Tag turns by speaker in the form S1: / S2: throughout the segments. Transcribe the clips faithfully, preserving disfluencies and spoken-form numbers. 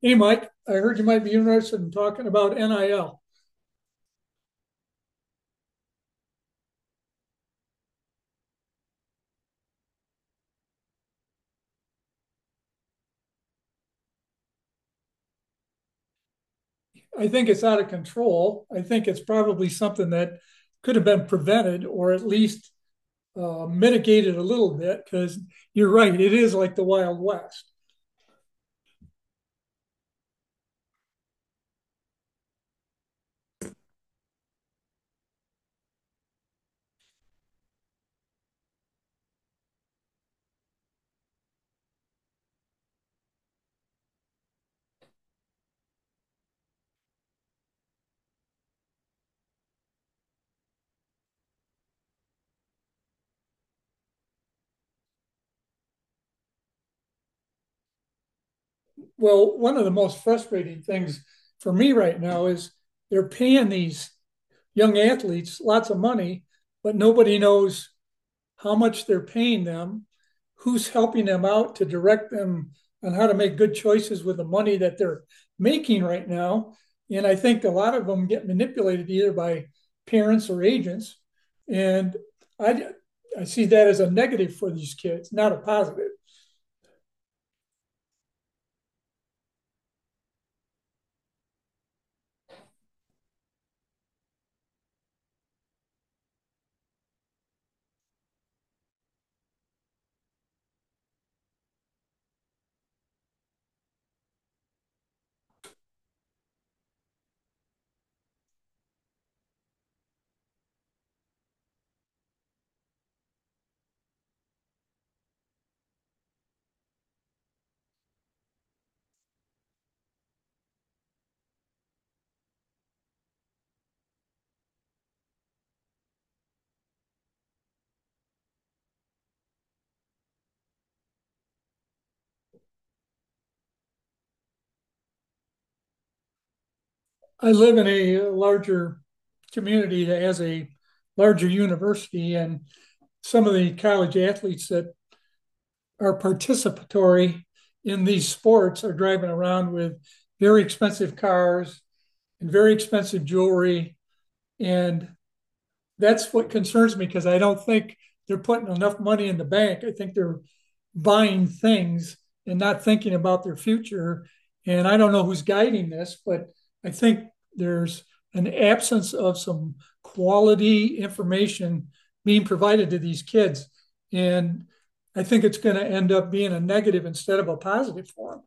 S1: Hey, Mike, I heard you might be interested in talking about N I L. I L. I think it's out of control. I think it's probably something that could have been prevented or at least uh, mitigated a little bit because you're right, it is like the Wild West. Well, one of the most frustrating things for me right now is they're paying these young athletes lots of money, but nobody knows how much they're paying them, who's helping them out to direct them on how to make good choices with the money that they're making right now. And I think a lot of them get manipulated either by parents or agents. And I, I see that as a negative for these kids, not a positive. I live in a larger community that has a larger university, and some of the college athletes that are participatory in these sports are driving around with very expensive cars and very expensive jewelry, and that's what concerns me because I don't think they're putting enough money in the bank. I think they're buying things and not thinking about their future. And I don't know who's guiding this, but I think there's an absence of some quality information being provided to these kids. And I think it's going to end up being a negative instead of a positive for them.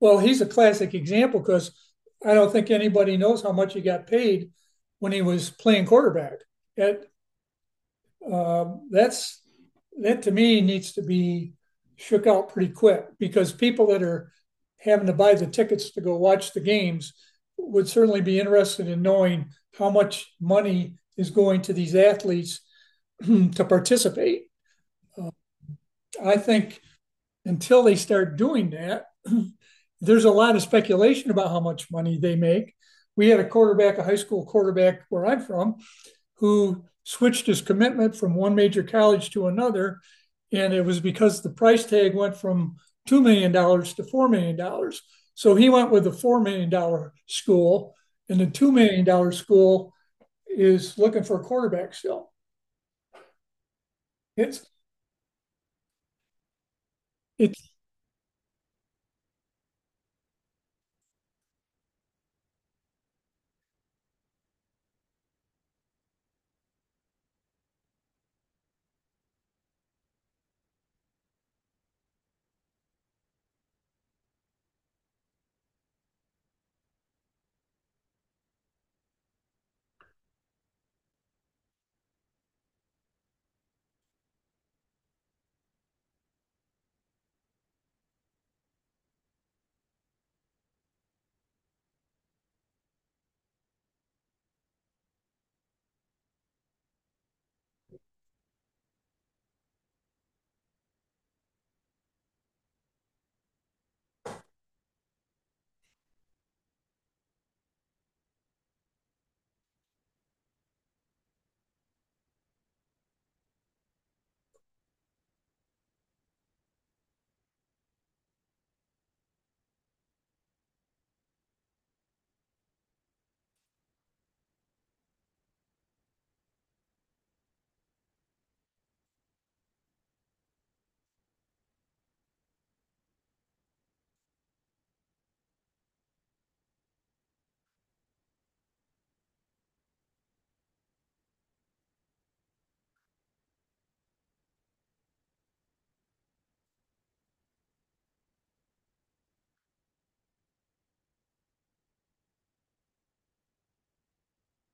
S1: Well, he's a classic example because I don't think anybody knows how much he got paid when he was playing quarterback. That um, that's that, to me, needs to be shook out pretty quick because people that are having to buy the tickets to go watch the games would certainly be interested in knowing how much money is going to these athletes to participate. I think until they start doing that, there's a lot of speculation about how much money they make. We had a quarterback, a high school quarterback where I'm from, who switched his commitment from one major college to another. And it was because the price tag went from $2 million dollars to four million dollars. Dollars. So he went with the $4 million dollars school, and the $2 million dollars school is looking for a quarterback still. It's, it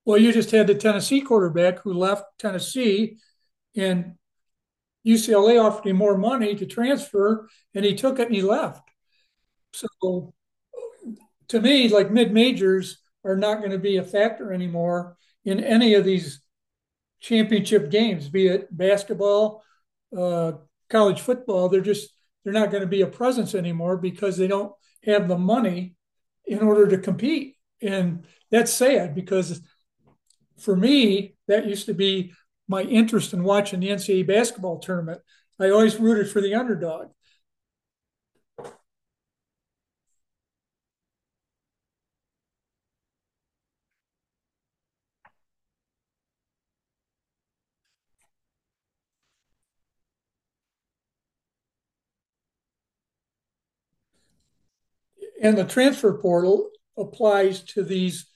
S1: Well, you just had the Tennessee quarterback who left Tennessee, and U C L A offered him more money to transfer, and he took it and he left. So, to me, like mid majors are not going to be a factor anymore in any of these championship games, be it basketball, uh, college football. They're just, they're not going to be a presence anymore because they don't have the money in order to compete. And that's sad because, for me, that used to be my interest in watching the N C A A basketball tournament. I always rooted for the underdog. And the transfer portal applies to these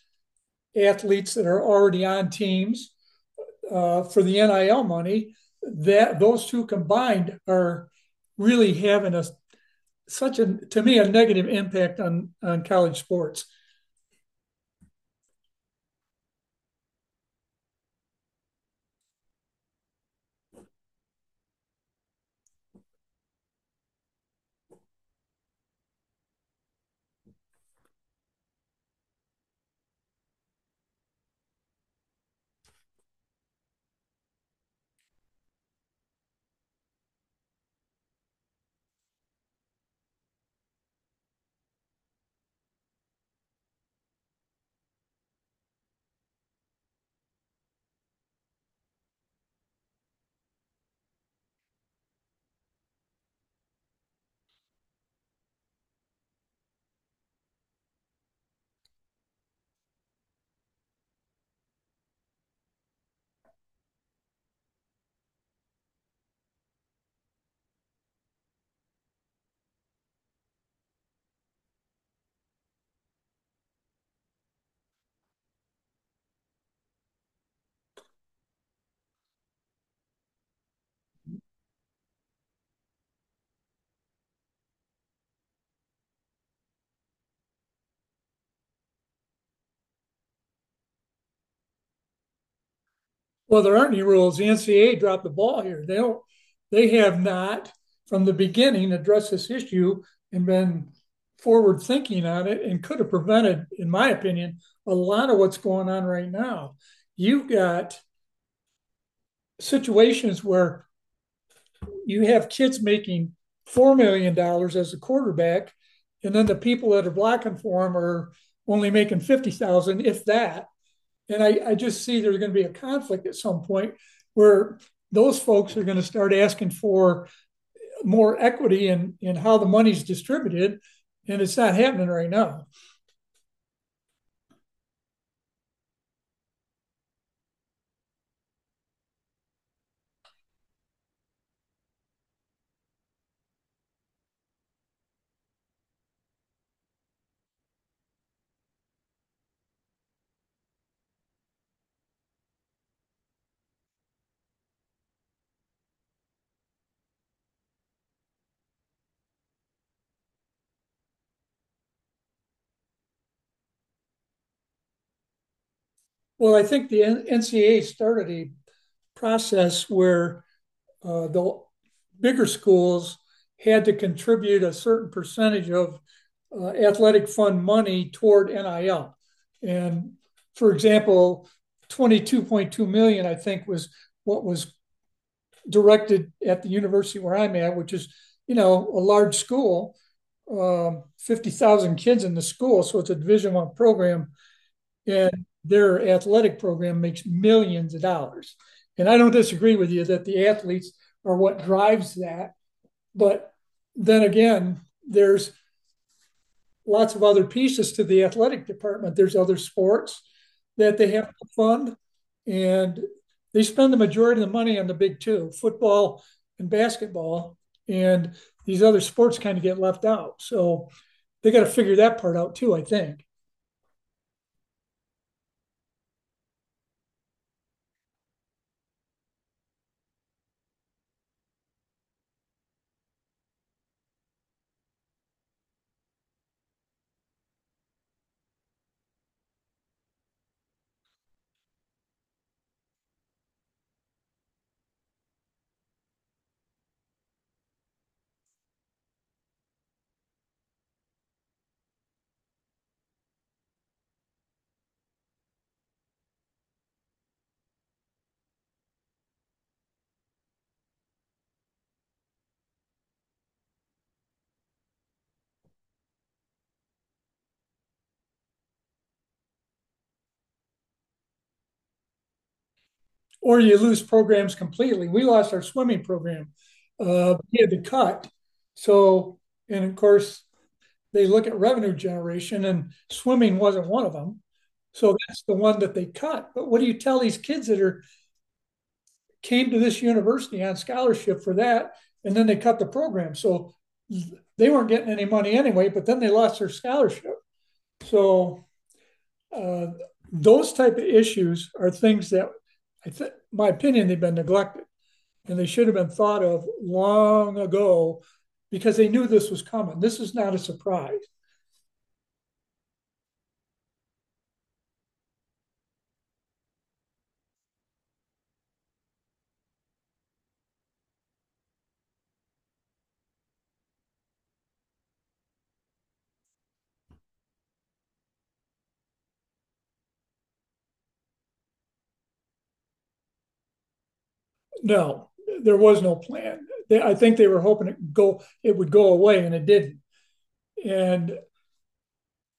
S1: athletes that are already on teams uh, for the N I L money. That those two combined are really having a such a, to me, a negative impact on on college sports. Well, there aren't any rules. The N C A A dropped the ball here. They don't. They have not, from the beginning, addressed this issue and been forward thinking on it, and could have prevented, in my opinion, a lot of what's going on right now. You've got situations where you have kids making four million dollars as a quarterback, and then the people that are blocking for them are only making fifty thousand, if that. And I, I just see there's going to be a conflict at some point where those folks are going to start asking for more equity in, in how the money's distributed. And it's not happening right now. Well, I think the N C A A started a process where uh, the bigger schools had to contribute a certain percentage of uh, athletic fund money toward N I L. And, for example, twenty-two point two million, I think, was what was directed at the university where I'm at, which is, you know, a large school, um, fifty thousand kids in the school. So it's a division one program and their athletic program makes millions of dollars. And I don't disagree with you that the athletes are what drives that. But then again, there's lots of other pieces to the athletic department. There's other sports that they have to fund, and they spend the majority of the money on the big two, football and basketball. And these other sports kind of get left out. So they got to figure that part out too, I think. Or you lose programs completely. We lost our swimming program. Uh, we had to cut. So, and of course, they look at revenue generation, and swimming wasn't one of them. So that's the one that they cut. But what do you tell these kids that are came to this university on scholarship for that and then they cut the program? So they weren't getting any money anyway, but then they lost their scholarship. So uh, those type of issues are things that I think, my opinion, they've been neglected and they should have been thought of long ago because they knew this was coming. This is not a surprise. No, there was no plan. They, I think they were hoping it go it would go away, and it didn't. And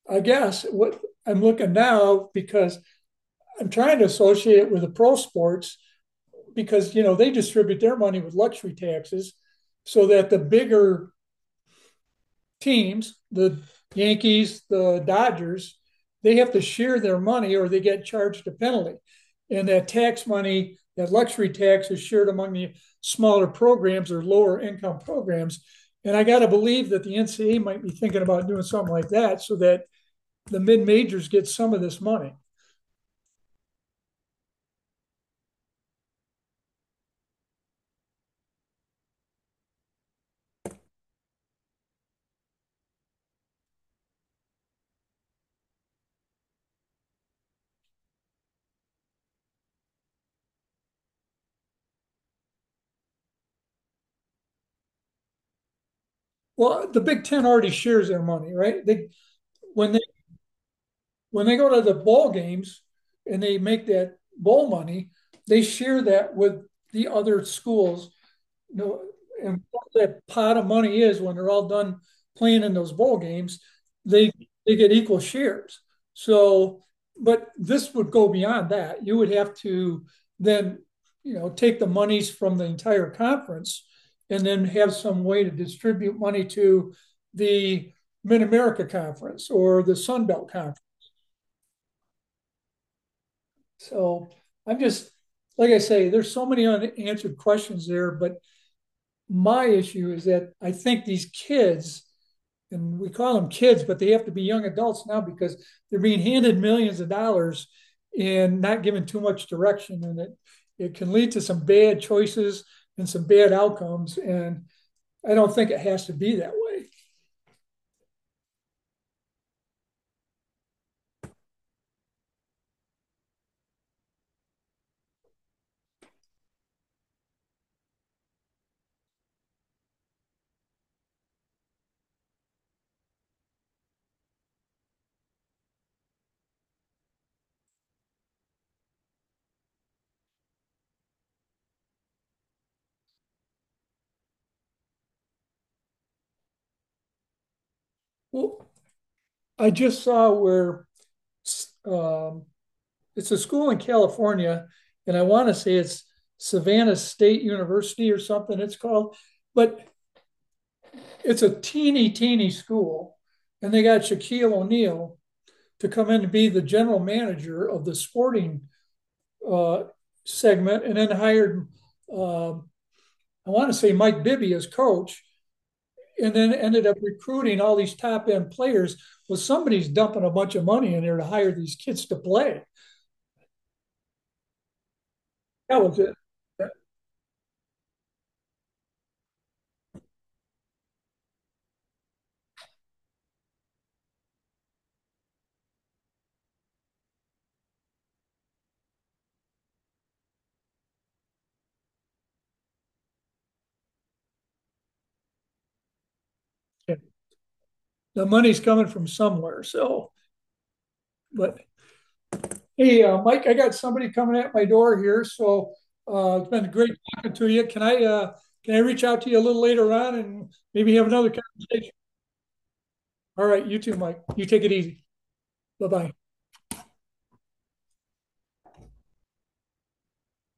S1: I guess what I'm looking now because I'm trying to associate with the pro sports because, you know, they distribute their money with luxury taxes, so that the bigger teams, the Yankees, the Dodgers, they have to share their money or they get charged a penalty. And that tax money, that luxury tax, is shared among the smaller programs or lower income programs. And I got to believe that the N C A A might be thinking about doing something like that so that the mid majors get some of this money. Well, the Big Ten already shares their money, right? They when they when they go to the ball games and they make that bowl money, they share that with the other schools. Know and what that pot of money is when they're all done playing in those bowl games, they they get equal shares. So, but this would go beyond that. You would have to then, you know, take the monies from the entire conference and then have some way to distribute money to the Mid America Conference or the Sun Belt Conference. So I'm just like I say, there's so many unanswered questions there, but my issue is that I think these kids, and we call them kids, but they have to be young adults now because they're being handed millions of dollars and not given too much direction, and it it can lead to some bad choices and some bad outcomes. And I don't think it has to be that way. Well, I just saw where um, it's a school in California, and I want to say it's Savannah State University or something it's called, but it's a teeny, teeny school. And they got Shaquille O'Neal to come in and be the general manager of the sporting uh, segment, and then hired, uh, I want to say Mike Bibby as coach, and then ended up recruiting all these top end players. Well, somebody's dumping a bunch of money in there to hire these kids to play. That was it. The money's coming from somewhere. So, but hey, uh, Mike, I got somebody coming at my door here. So uh, it's been great talking to you. Can I uh, can I reach out to you a little later on and maybe have another conversation? All right, you too, Mike. You take it easy. Bye-bye.